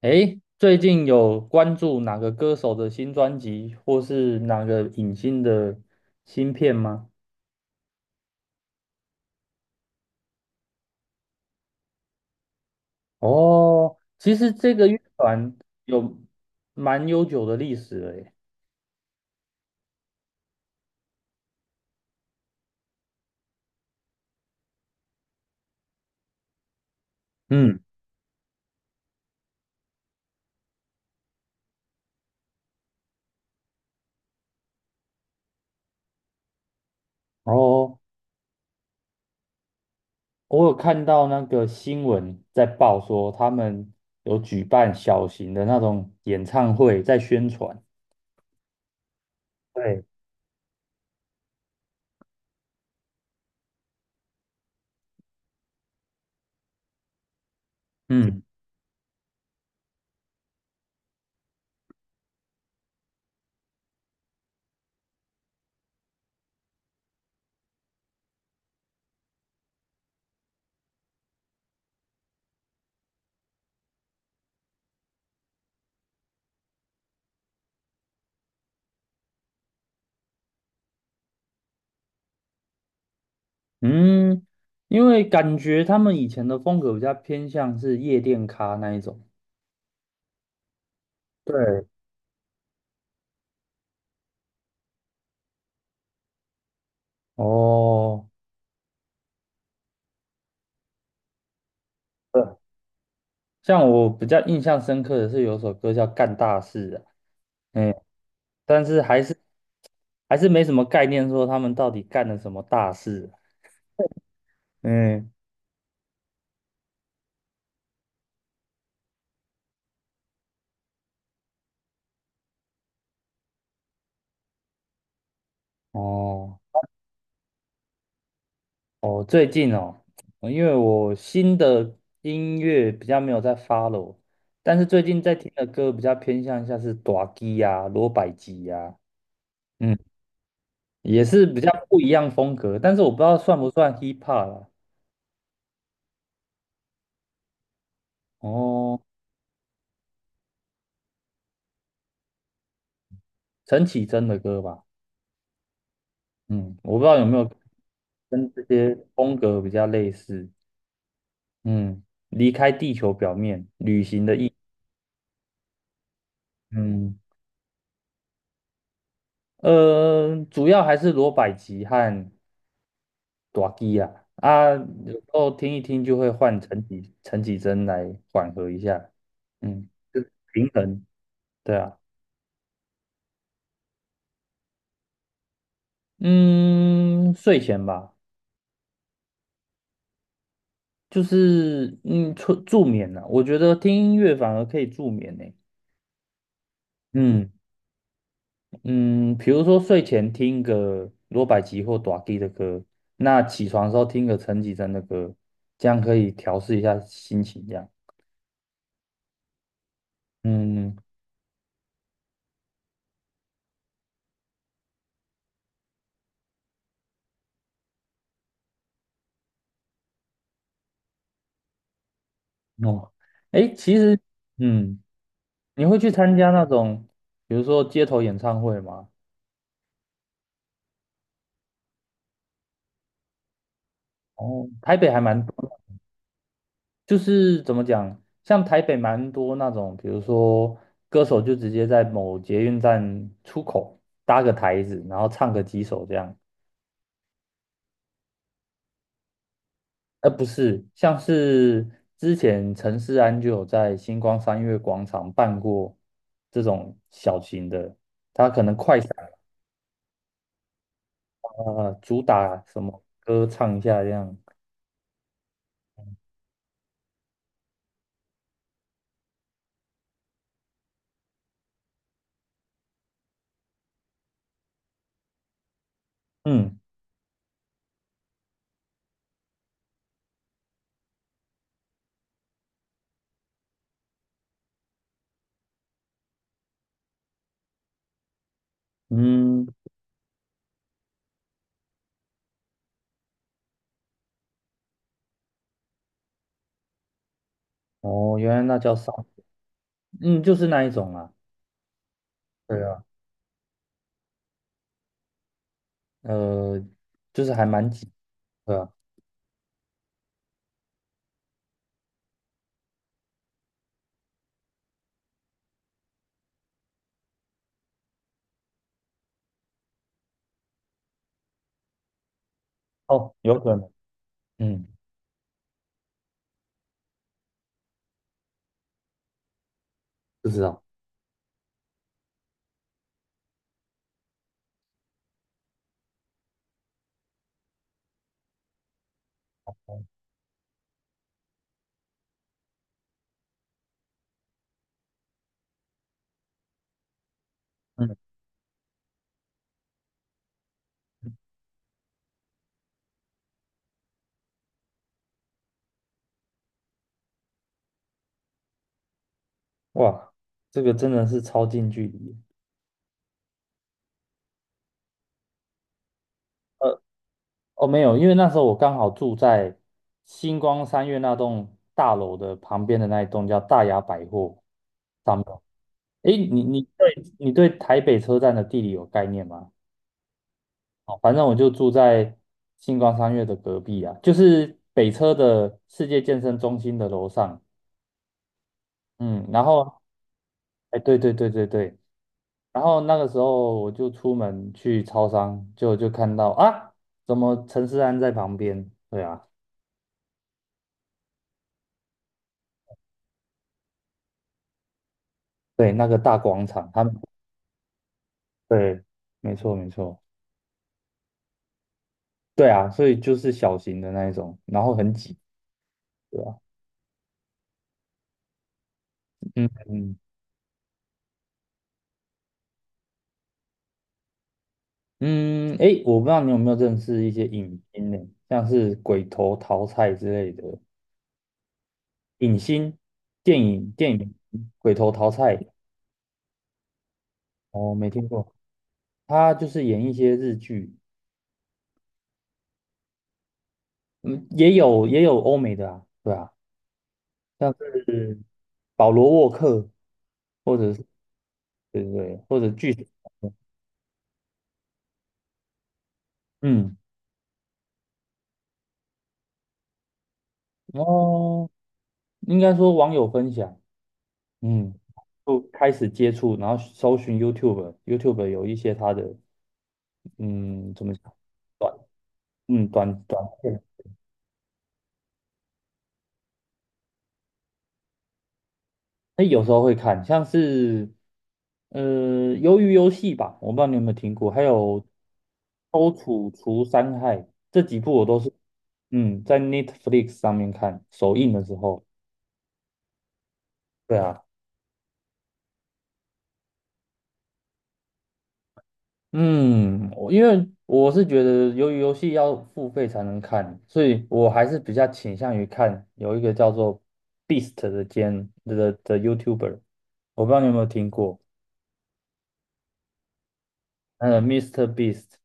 诶，最近有关注哪个歌手的新专辑，或是哪个影星的新片吗？哦，其实这个乐团有蛮悠久的历史了耶。嗯，哦，我有看到那个新闻在报说，他们有举办小型的那种演唱会，在宣传。对，嗯嗯，因为感觉他们以前的风格比较偏向是夜店咖那一种。对，哦，呃像我比较印象深刻的是有首歌叫《干大事》啊。嗯，但是还是没什么概念，说他们到底干了什么大事啊。嗯，哦哦，最近哦，因为我新的音乐比较没有在发 o, 但是最近在听的歌比较偏向像是大基呀、罗百吉呀。嗯，也是比较不一样风格，但是我不知道算不算 hip hop 啦。哦，陈绮贞的歌吧。嗯，我不知道有没有跟这些风格比较类似。嗯，离开地球表面。嗯，主要还是罗百吉和大基啊。啊，有时候听一听就会换陈绮贞来缓和一下。嗯，平衡，对啊。嗯，睡前吧，就是助眠啊，我觉得听音乐反而可以助眠呢。嗯。嗯，比如说睡前听个罗百吉或短 K 的歌，那起床的时候听个陈绮贞的歌，这样可以调试一下心情。这样，嗯，哦。哎，其实，嗯，你会去参加那种，比如说街头演唱会吗？哦，台北还蛮多的。就是怎么讲，像台北蛮多那种，比如说歌手就直接在某捷运站出口搭个台子，然后唱个几首这样。呃，不是，像是之前陈世安就有在星光三月广场办过这种小型的，他可能快闪啊、主打什么歌唱一下这样。嗯嗯，哦，原来那叫啥？嗯，就是那一种啊。对啊，呃，就是还蛮紧，对啊。哦，有可能。嗯，不知道。嗯，哇，这个真的是超近距离。呃。哦，没有，因为那时候我刚好住在星光三月那栋大楼的旁边的那一栋叫大雅百货上面。诶，你对台北车站的地理有概念吗？哦，反正我就住在星光三月的隔壁啊，就是北车的世界健身中心的楼上。嗯，然后哎，对对对对对。然后那个时候我就出门去超商，就看到啊，怎么陈思安在旁边？对啊。对，那个大广场，他们。对，没错没错。对啊，所以就是小型的那一种，然后很挤，对吧？嗯嗯嗯。诶，我不知道你有没有认识一些影星呢，像是鬼头桃菜之类的影星，电影鬼头桃菜。哦，没听过，他就是演一些日剧。嗯，也有欧美的啊，对啊，像是保罗沃克，或者是对对对，或者巨石强森。嗯，哦，应该说网友分享。嗯，就开始接触，然后搜寻 YouTube，YouTube 有一些它的，嗯，怎么讲，短，嗯，短片，那有时候会看，像是，鱿鱼游戏吧，我不知道你有没有听过，还有周楚除三害，这几部我都是，嗯，在 Netflix 上面看，首映的时候，对啊。嗯，因为我是觉得，由于游戏要付费才能看，所以我还是比较倾向于看有一个叫做 Beast 的的 YouTuber,我不知道你有没有听过。Mr. i s t e Beast,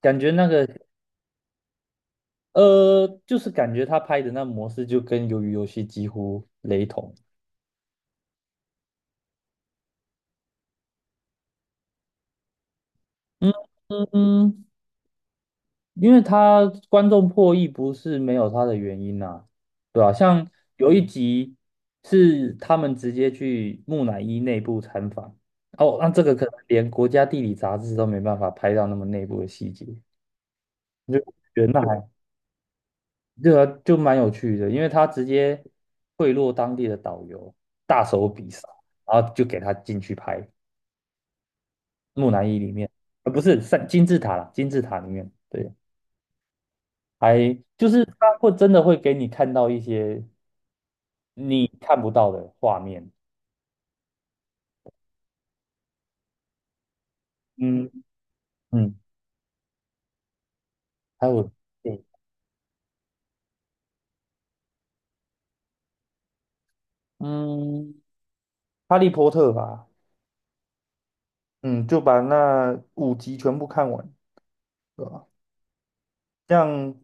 感觉那个就是感觉他拍的那模式就跟鱿鱼游戏几乎雷同。嗯嗯嗯，因为他观众破亿不是没有他的原因呐，啊对吧。像有一集是他们直接去木乃伊内部参访，哦，那这个可能连国家地理杂志都没办法拍到那么内部的细节，就原来。对啊，就蛮有趣的，因为他直接贿赂当地的导游，大手笔杀，然后就给他进去拍木乃伊里面，不是三金字塔啦，金字塔里面，对。还就是他会真的会给你看到一些你看不到的画面。嗯嗯，还有对。嗯，哈利波特吧。嗯，就把那5集全部看完，对吧？这样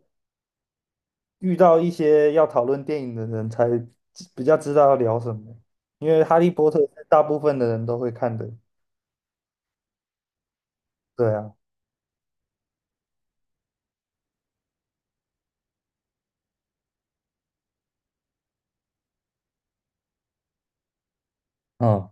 遇到一些要讨论电影的人才比较知道要聊什么，因为哈利波特是大部分的人都会看的，对啊。嗯，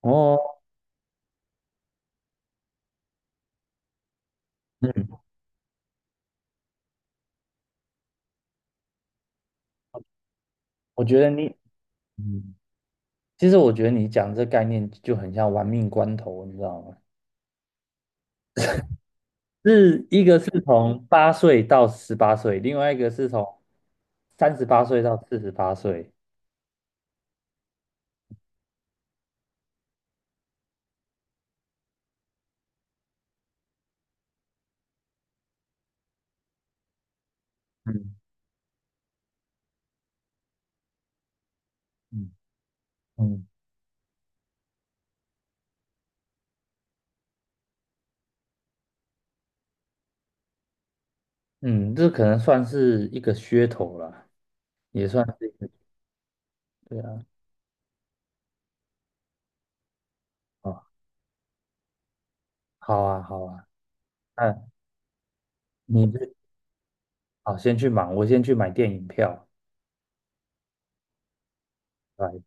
哦，嗯，我觉得你，嗯，其实我觉得你讲这概念就很像玩命关头，你知道吗？是一个是从八岁到十八岁，另外一个是从38岁到48岁。嗯嗯，嗯嗯，这可能算是一个噱头啦，也算是对啊。哦，好啊，好啊，那你就好，先去忙，我先去买电影票。拜拜。